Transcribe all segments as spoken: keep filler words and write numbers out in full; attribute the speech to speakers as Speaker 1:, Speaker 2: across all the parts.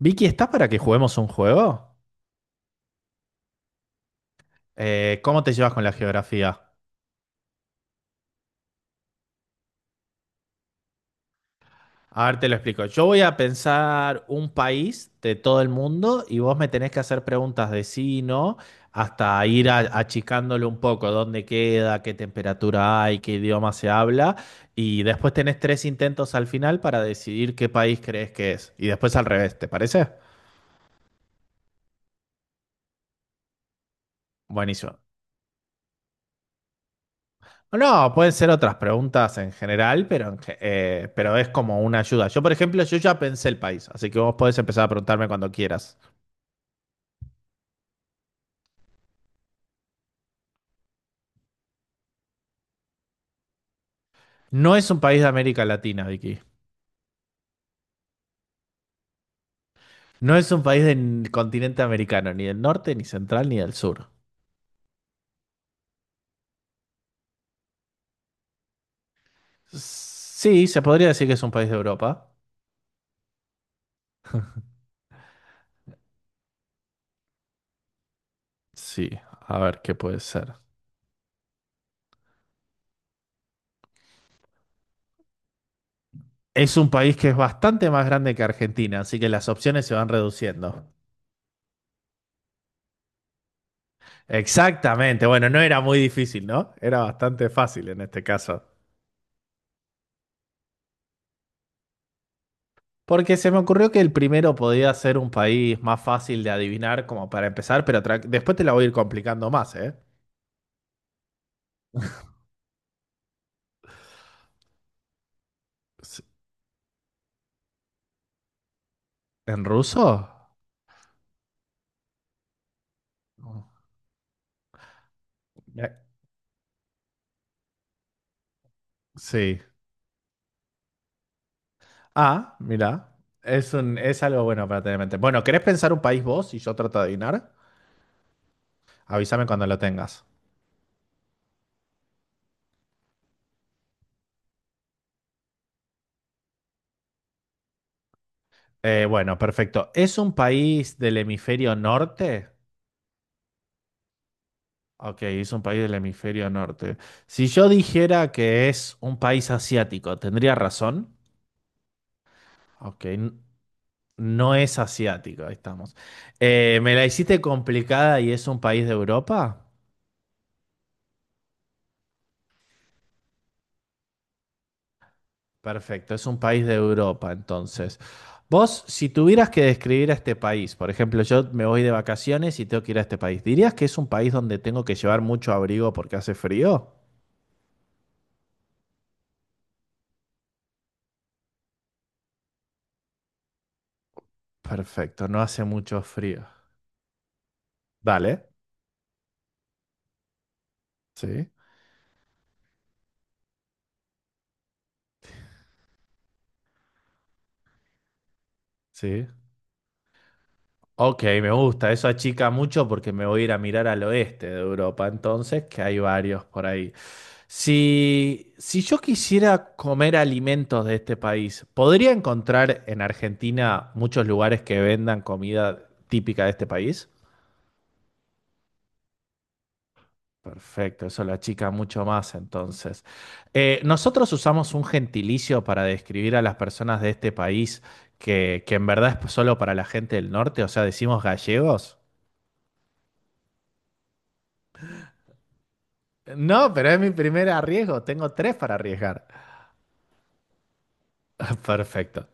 Speaker 1: Vicky, ¿estás para que juguemos un juego? Eh, ¿cómo te llevas con la geografía? A ver, te lo explico. Yo voy a pensar un país de todo el mundo y vos me tenés que hacer preguntas de sí y no, hasta ir a- achicándole un poco dónde queda, qué temperatura hay, qué idioma se habla. Y después tenés tres intentos al final para decidir qué país crees que es. Y después al revés, ¿te parece? Buenísimo. No, pueden ser otras preguntas en general, pero, en ge- eh, pero es como una ayuda. Yo, por ejemplo, yo ya pensé el país, así que vos podés empezar a preguntarme cuando quieras. No es un país de América Latina, Vicky. No es un país del continente americano, ni del norte, ni central, ni del sur. Sí, se podría decir que es un país de Europa. Sí, a ver qué puede ser. Es un país que es bastante más grande que Argentina, así que las opciones se van reduciendo. Exactamente, bueno, no era muy difícil, ¿no? Era bastante fácil en este caso. Porque se me ocurrió que el primero podía ser un país más fácil de adivinar como para empezar, pero tra- después te la voy a ir complicando más, ¿eh? S- ¿En ruso? Eh, Sí. Ah, mira. Es un, es algo bueno para tener en mente. Bueno, ¿querés pensar un país vos y yo trato de adivinar? Avísame cuando lo tengas. Eh, bueno, perfecto. ¿Es un país del hemisferio norte? Ok, es un país del hemisferio norte. Si yo dijera que es un país asiático, ¿tendría razón? Ok, no es asiático, ahí estamos. Eh, ¿me la hiciste complicada y es un país de Europa? Perfecto, es un país de Europa, entonces. Vos, si tuvieras que describir a este país, por ejemplo, yo me voy de vacaciones y tengo que ir a este país, ¿dirías que es un país donde tengo que llevar mucho abrigo porque hace frío? Perfecto, no hace mucho frío. Dale. Sí, sí. Ok, me gusta. Eso achica mucho porque me voy a ir a mirar al oeste de Europa, entonces, que hay varios por ahí. Si, si yo quisiera comer alimentos de este país, ¿podría encontrar en Argentina muchos lugares que vendan comida típica de este país? Perfecto, eso lo achica mucho más entonces. Eh, nosotros usamos un gentilicio para describir a las personas de este país que, que en verdad es solo para la gente del norte, o sea, decimos gallegos. No, pero es mi primer arriesgo. Tengo tres para arriesgar. Perfecto.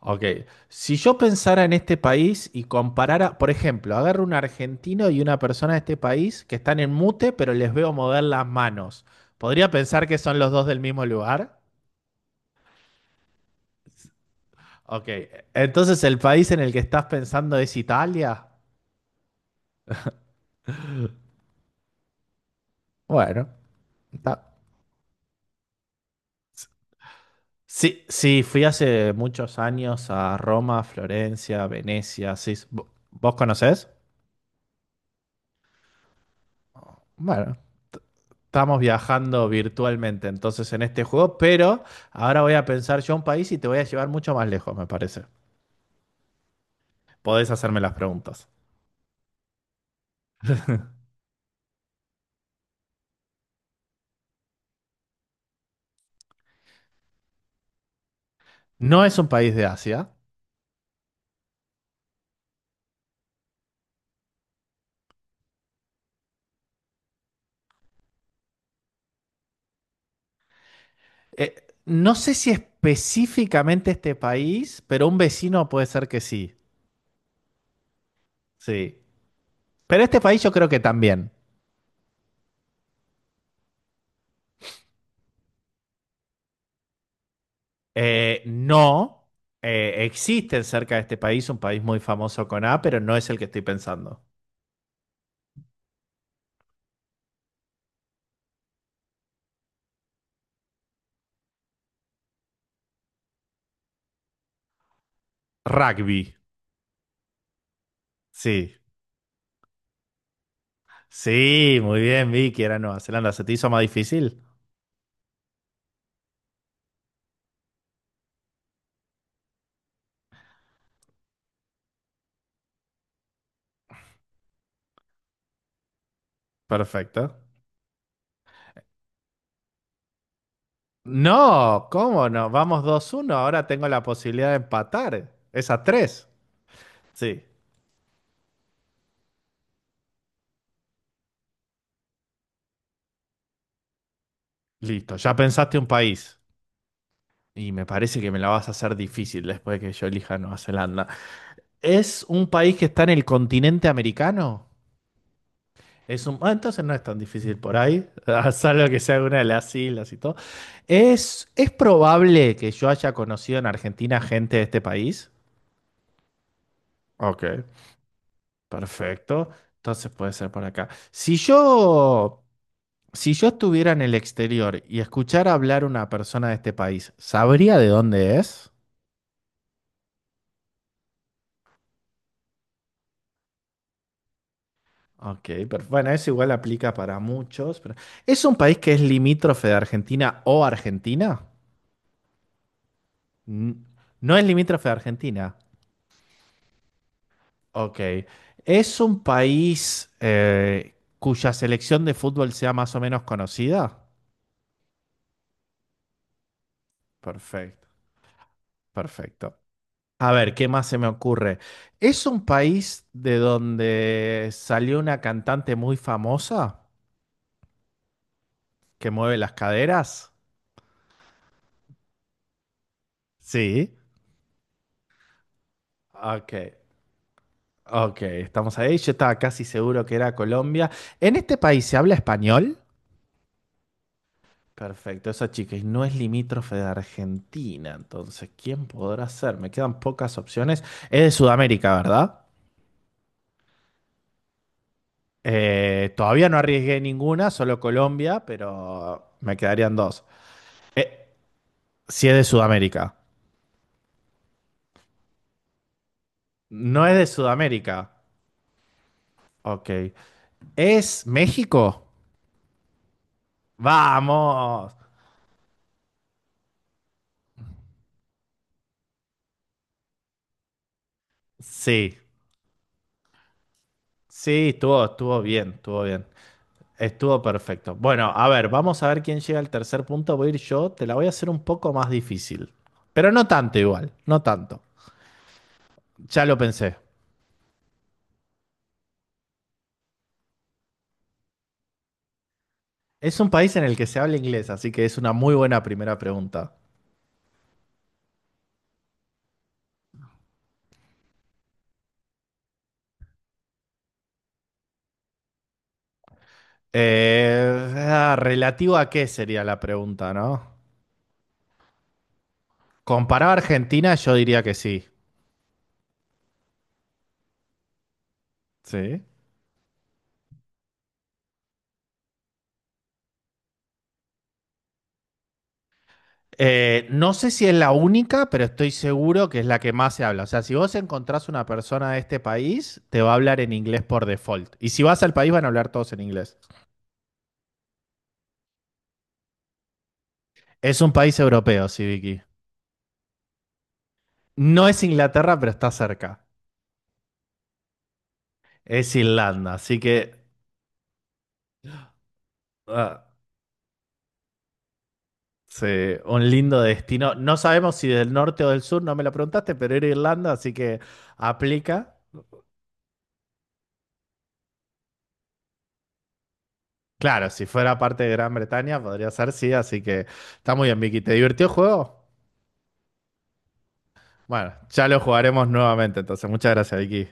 Speaker 1: Ok. Si yo pensara en este país y comparara, por ejemplo, agarro un argentino y una persona de este país que están en mute, pero les veo mover las manos. ¿Podría pensar que son los dos del mismo lugar? Ok. Entonces, ¿el país en el que estás pensando es Italia? Bueno, está. Sí, sí, fui hace muchos años a Roma, Florencia, Venecia. Sí, ¿Vos vos conocés? Bueno. Estamos viajando virtualmente entonces en este juego, pero ahora voy a pensar yo un país y te voy a llevar mucho más lejos, me parece. Podés hacerme las preguntas. No es un país de Asia. Eh, no sé si específicamente este país, pero un vecino puede ser que sí. Sí. Pero este país yo creo que también. Eh, no. Eh, existe cerca de este país un país muy famoso con A, pero no es el que estoy pensando. Rugby. Sí. Sí, muy bien, Vicky, era Nueva Zelanda. ¿Se te hizo más difícil? Perfecto. No, ¿cómo no? Vamos dos uno. Ahora tengo la posibilidad de empatar. Es a tres. Sí. Listo, ya pensaste un país. Y me parece que me la vas a hacer difícil después de que yo elija Nueva Zelanda. ¿Es un país que está en el continente americano? Es un... ah, entonces no es tan difícil por ahí, salvo que sea una de las islas y todo. ¿Es, es probable que yo haya conocido en Argentina gente de este país? Ok. Perfecto. Entonces puede ser por acá. Si yo, si yo estuviera en el exterior y escuchara hablar una persona de este país, ¿sabría de dónde es? Ok, pero bueno, eso igual aplica para muchos, pero ¿es un país que es limítrofe de Argentina o Argentina? N- No es limítrofe de Argentina. Ok. ¿Es un país eh, cuya selección de fútbol sea más o menos conocida? Perfecto, perfecto. A ver, ¿qué más se me ocurre? ¿Es un país de donde salió una cantante muy famosa que mueve las caderas? Sí. Ok, ok, estamos ahí. Yo estaba casi seguro que era Colombia. ¿En este país se habla español? Perfecto, esa chica y no es limítrofe de Argentina, entonces, ¿quién podrá ser? Me quedan pocas opciones. Es de Sudamérica, ¿verdad? Eh, todavía no arriesgué ninguna, solo Colombia, pero me quedarían dos. Eh, Si es de Sudamérica. No es de Sudamérica. Ok. ¿Es México? Vamos. Sí. Sí, estuvo, estuvo bien, estuvo bien. Estuvo perfecto. Bueno, a ver, vamos a ver quién llega al tercer punto. Voy a ir yo. Te la voy a hacer un poco más difícil. Pero no tanto igual, no tanto. Ya lo pensé. Es un país en el que se habla inglés, así que es una muy buena primera pregunta. Eh, ah, ¿relativo a qué sería la pregunta, no? Comparado a Argentina, yo diría que sí. Sí. Eh, no sé si es la única, pero estoy seguro que es la que más se habla. O sea, si vos encontrás una persona de este país, te va a hablar en inglés por default. Y si vas al país, van a hablar todos en inglés. Es un país europeo, sí, Vicky. No es Inglaterra, pero está cerca. Es Irlanda, así que ah, sí, un lindo destino. No sabemos si del norte o del sur, no me lo preguntaste, pero era Irlanda, así que aplica. Claro, si fuera parte de Gran Bretaña, podría ser sí, así que está muy bien, Vicky. ¿Te divirtió el juego? Bueno, ya lo jugaremos nuevamente, entonces. Muchas gracias, Vicky.